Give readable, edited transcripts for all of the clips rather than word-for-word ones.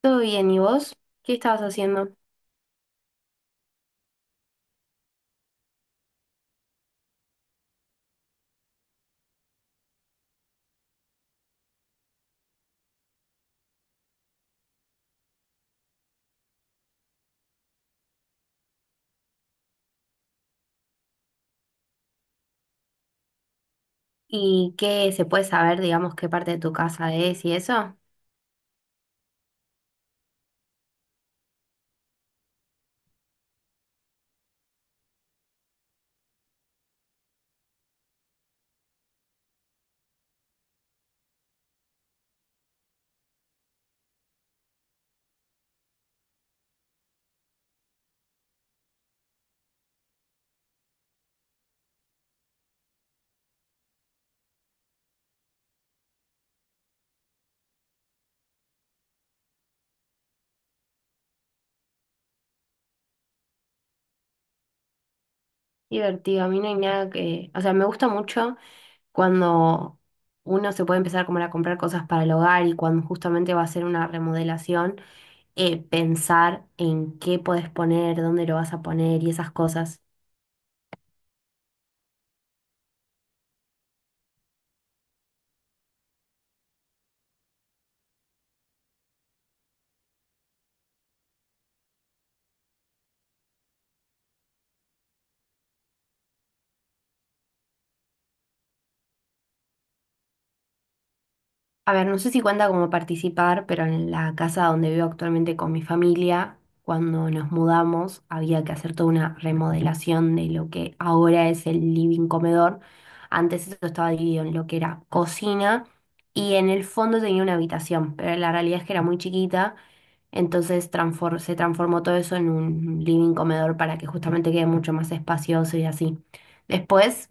Todo bien, ¿y vos? ¿Qué estabas haciendo? ¿Y qué se puede saber, digamos, qué parte de tu casa es y eso? Divertido, a mí no hay nada que... O sea, me gusta mucho cuando uno se puede empezar como a comprar cosas para el hogar y cuando justamente va a hacer una remodelación, pensar en qué podés poner, dónde lo vas a poner y esas cosas. A ver, no sé si cuenta como participar, pero en la casa donde vivo actualmente con mi familia, cuando nos mudamos, había que hacer toda una remodelación de lo que ahora es el living comedor. Antes eso estaba dividido en lo que era cocina y en el fondo tenía una habitación, pero la realidad es que era muy chiquita, entonces se transformó todo eso en un living comedor para que justamente quede mucho más espacioso y así. Después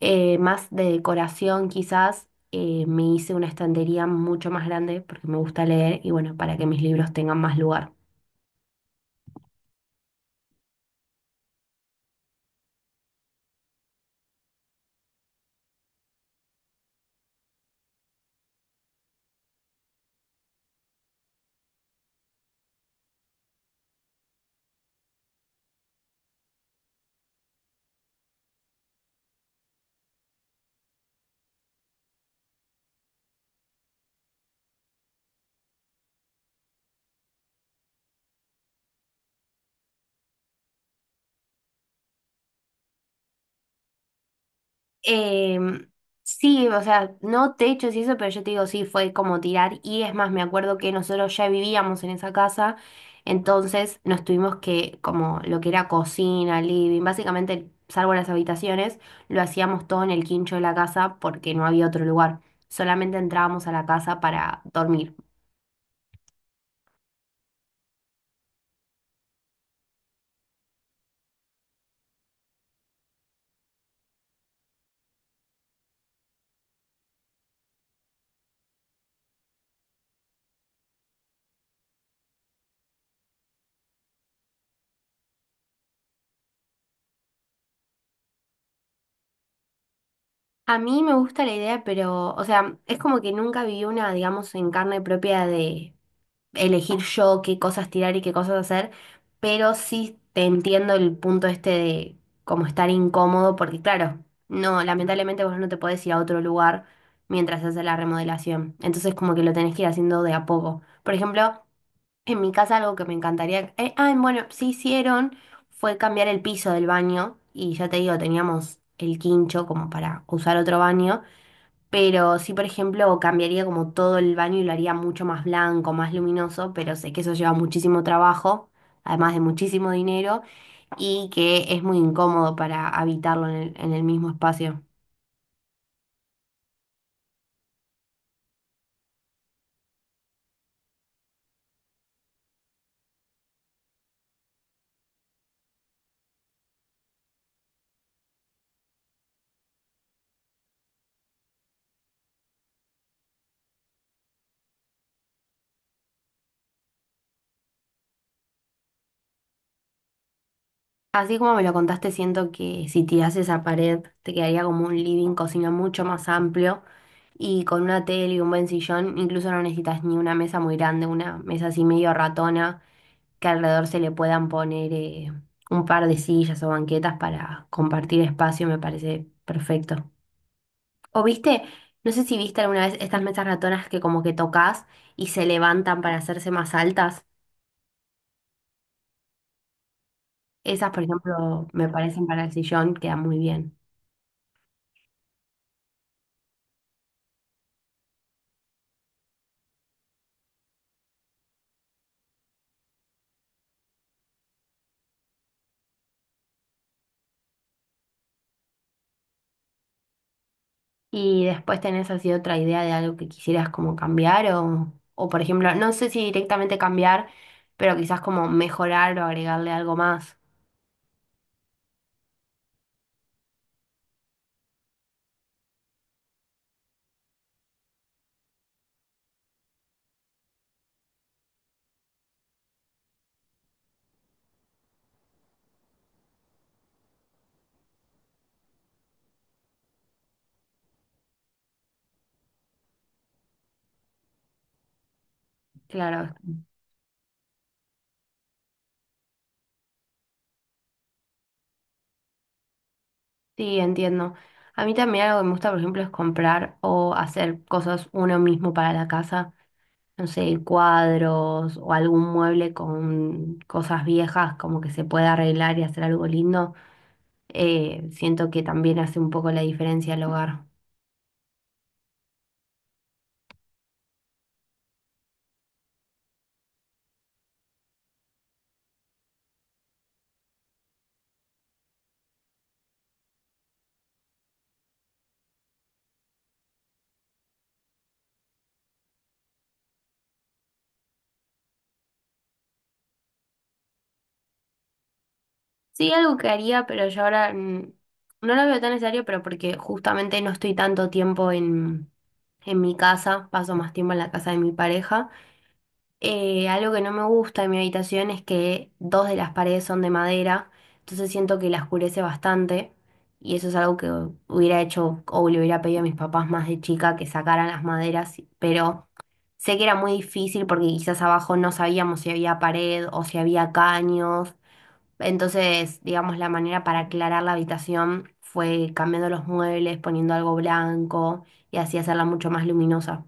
más de decoración quizás, me hice una estantería mucho más grande porque me gusta leer y bueno, para que mis libros tengan más lugar. Em, sí, o sea, no techos y eso, pero yo te digo, sí, fue como tirar. Y es más, me acuerdo que nosotros ya vivíamos en esa casa, entonces nos tuvimos que, como lo que era cocina, living, básicamente, salvo las habitaciones, lo hacíamos todo en el quincho de la casa porque no había otro lugar. Solamente entrábamos a la casa para dormir. A mí me gusta la idea, pero, o sea, es como que nunca viví una, digamos, en carne propia de elegir yo qué cosas tirar y qué cosas hacer, pero sí te entiendo el punto este de como estar incómodo, porque claro, no, lamentablemente vos no te podés ir a otro lugar mientras haces la remodelación, entonces como que lo tenés que ir haciendo de a poco. Por ejemplo, en mi casa algo que me encantaría... bueno, sí hicieron fue cambiar el piso del baño y ya te digo, teníamos el quincho como para usar otro baño, pero sí, por ejemplo, cambiaría como todo el baño y lo haría mucho más blanco, más luminoso, pero sé que eso lleva muchísimo trabajo, además de muchísimo dinero y que es muy incómodo para habitarlo en el mismo espacio. Así como me lo contaste, siento que si tirás esa pared te quedaría como un living, cocina mucho más amplio y con una tele y un buen sillón, incluso no necesitas ni una mesa muy grande, una mesa así medio ratona, que alrededor se le puedan poner un par de sillas o banquetas para compartir espacio, me parece perfecto. O viste, no sé si viste alguna vez estas mesas ratonas que como que tocas y se levantan para hacerse más altas. Esas, por ejemplo, me parecen para el sillón, quedan muy bien. Y después tenés así otra idea de algo que quisieras como cambiar o por ejemplo, no sé si directamente cambiar, pero quizás como mejorar o agregarle algo más. Claro, sí, entiendo. A mí también algo que me gusta, por ejemplo, es comprar o hacer cosas uno mismo para la casa. No sé, cuadros o algún mueble con cosas viejas, como que se pueda arreglar y hacer algo lindo. Siento que también hace un poco la diferencia al hogar. Sí, algo que haría, pero yo ahora no lo veo tan necesario, pero porque justamente no estoy tanto tiempo en mi casa, paso más tiempo en la casa de mi pareja. Algo que no me gusta de mi habitación es que dos de las paredes son de madera, entonces siento que la oscurece bastante y eso es algo que hubiera hecho o le hubiera pedido a mis papás más de chica que sacaran las maderas, pero sé que era muy difícil porque quizás abajo no sabíamos si había pared o si había caños. Entonces, digamos, la manera para aclarar la habitación fue cambiando los muebles, poniendo algo blanco y así hacerla mucho más luminosa.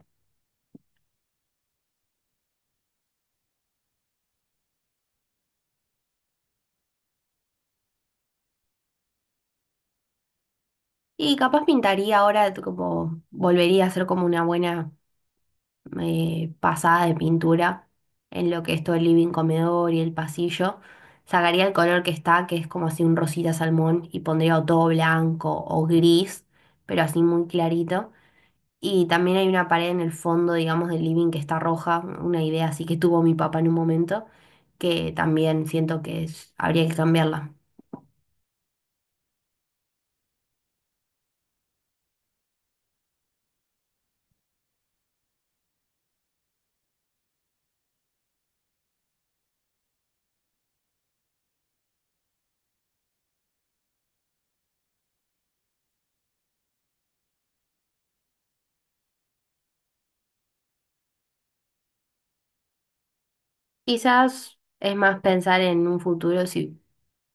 Y capaz pintaría ahora, como volvería a hacer como una buena pasada de pintura en lo que es todo el living, comedor y el pasillo. Sacaría el color que está, que es como así un rosita salmón, y pondría o todo blanco o gris, pero así muy clarito. Y también hay una pared en el fondo, digamos, del living que está roja, una idea así que tuvo mi papá en un momento, que también siento que habría que cambiarla. Quizás es más pensar en un futuro si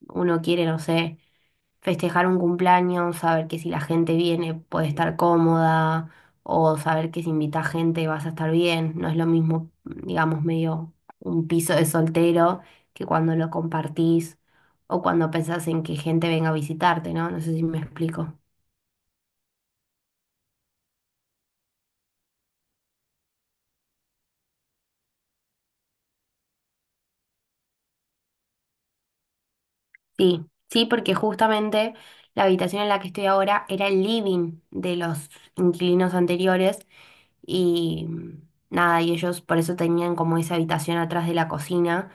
uno quiere, no sé, festejar un cumpleaños, saber que si la gente viene puede estar cómoda o saber que si invita gente vas a estar bien. No es lo mismo, digamos, medio un piso de soltero que cuando lo compartís o cuando pensás en que gente venga a visitarte, ¿no? No sé si me explico. Sí, sí, porque justamente la habitación en la que estoy ahora era el living de los inquilinos anteriores. Y nada, y ellos por eso tenían como esa habitación atrás de la cocina,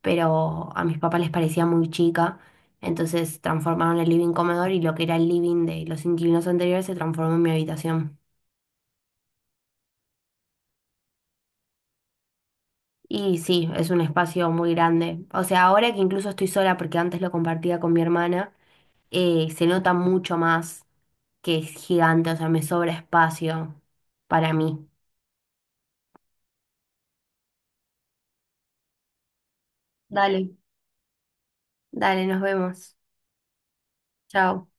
pero a mis papás les parecía muy chica, entonces transformaron el living comedor y lo que era el living de los inquilinos anteriores se transformó en mi habitación. Y sí, es un espacio muy grande. O sea, ahora que incluso estoy sola, porque antes lo compartía con mi hermana, se nota mucho más que es gigante, o sea, me sobra espacio para mí. Dale, dale, nos vemos. Chao.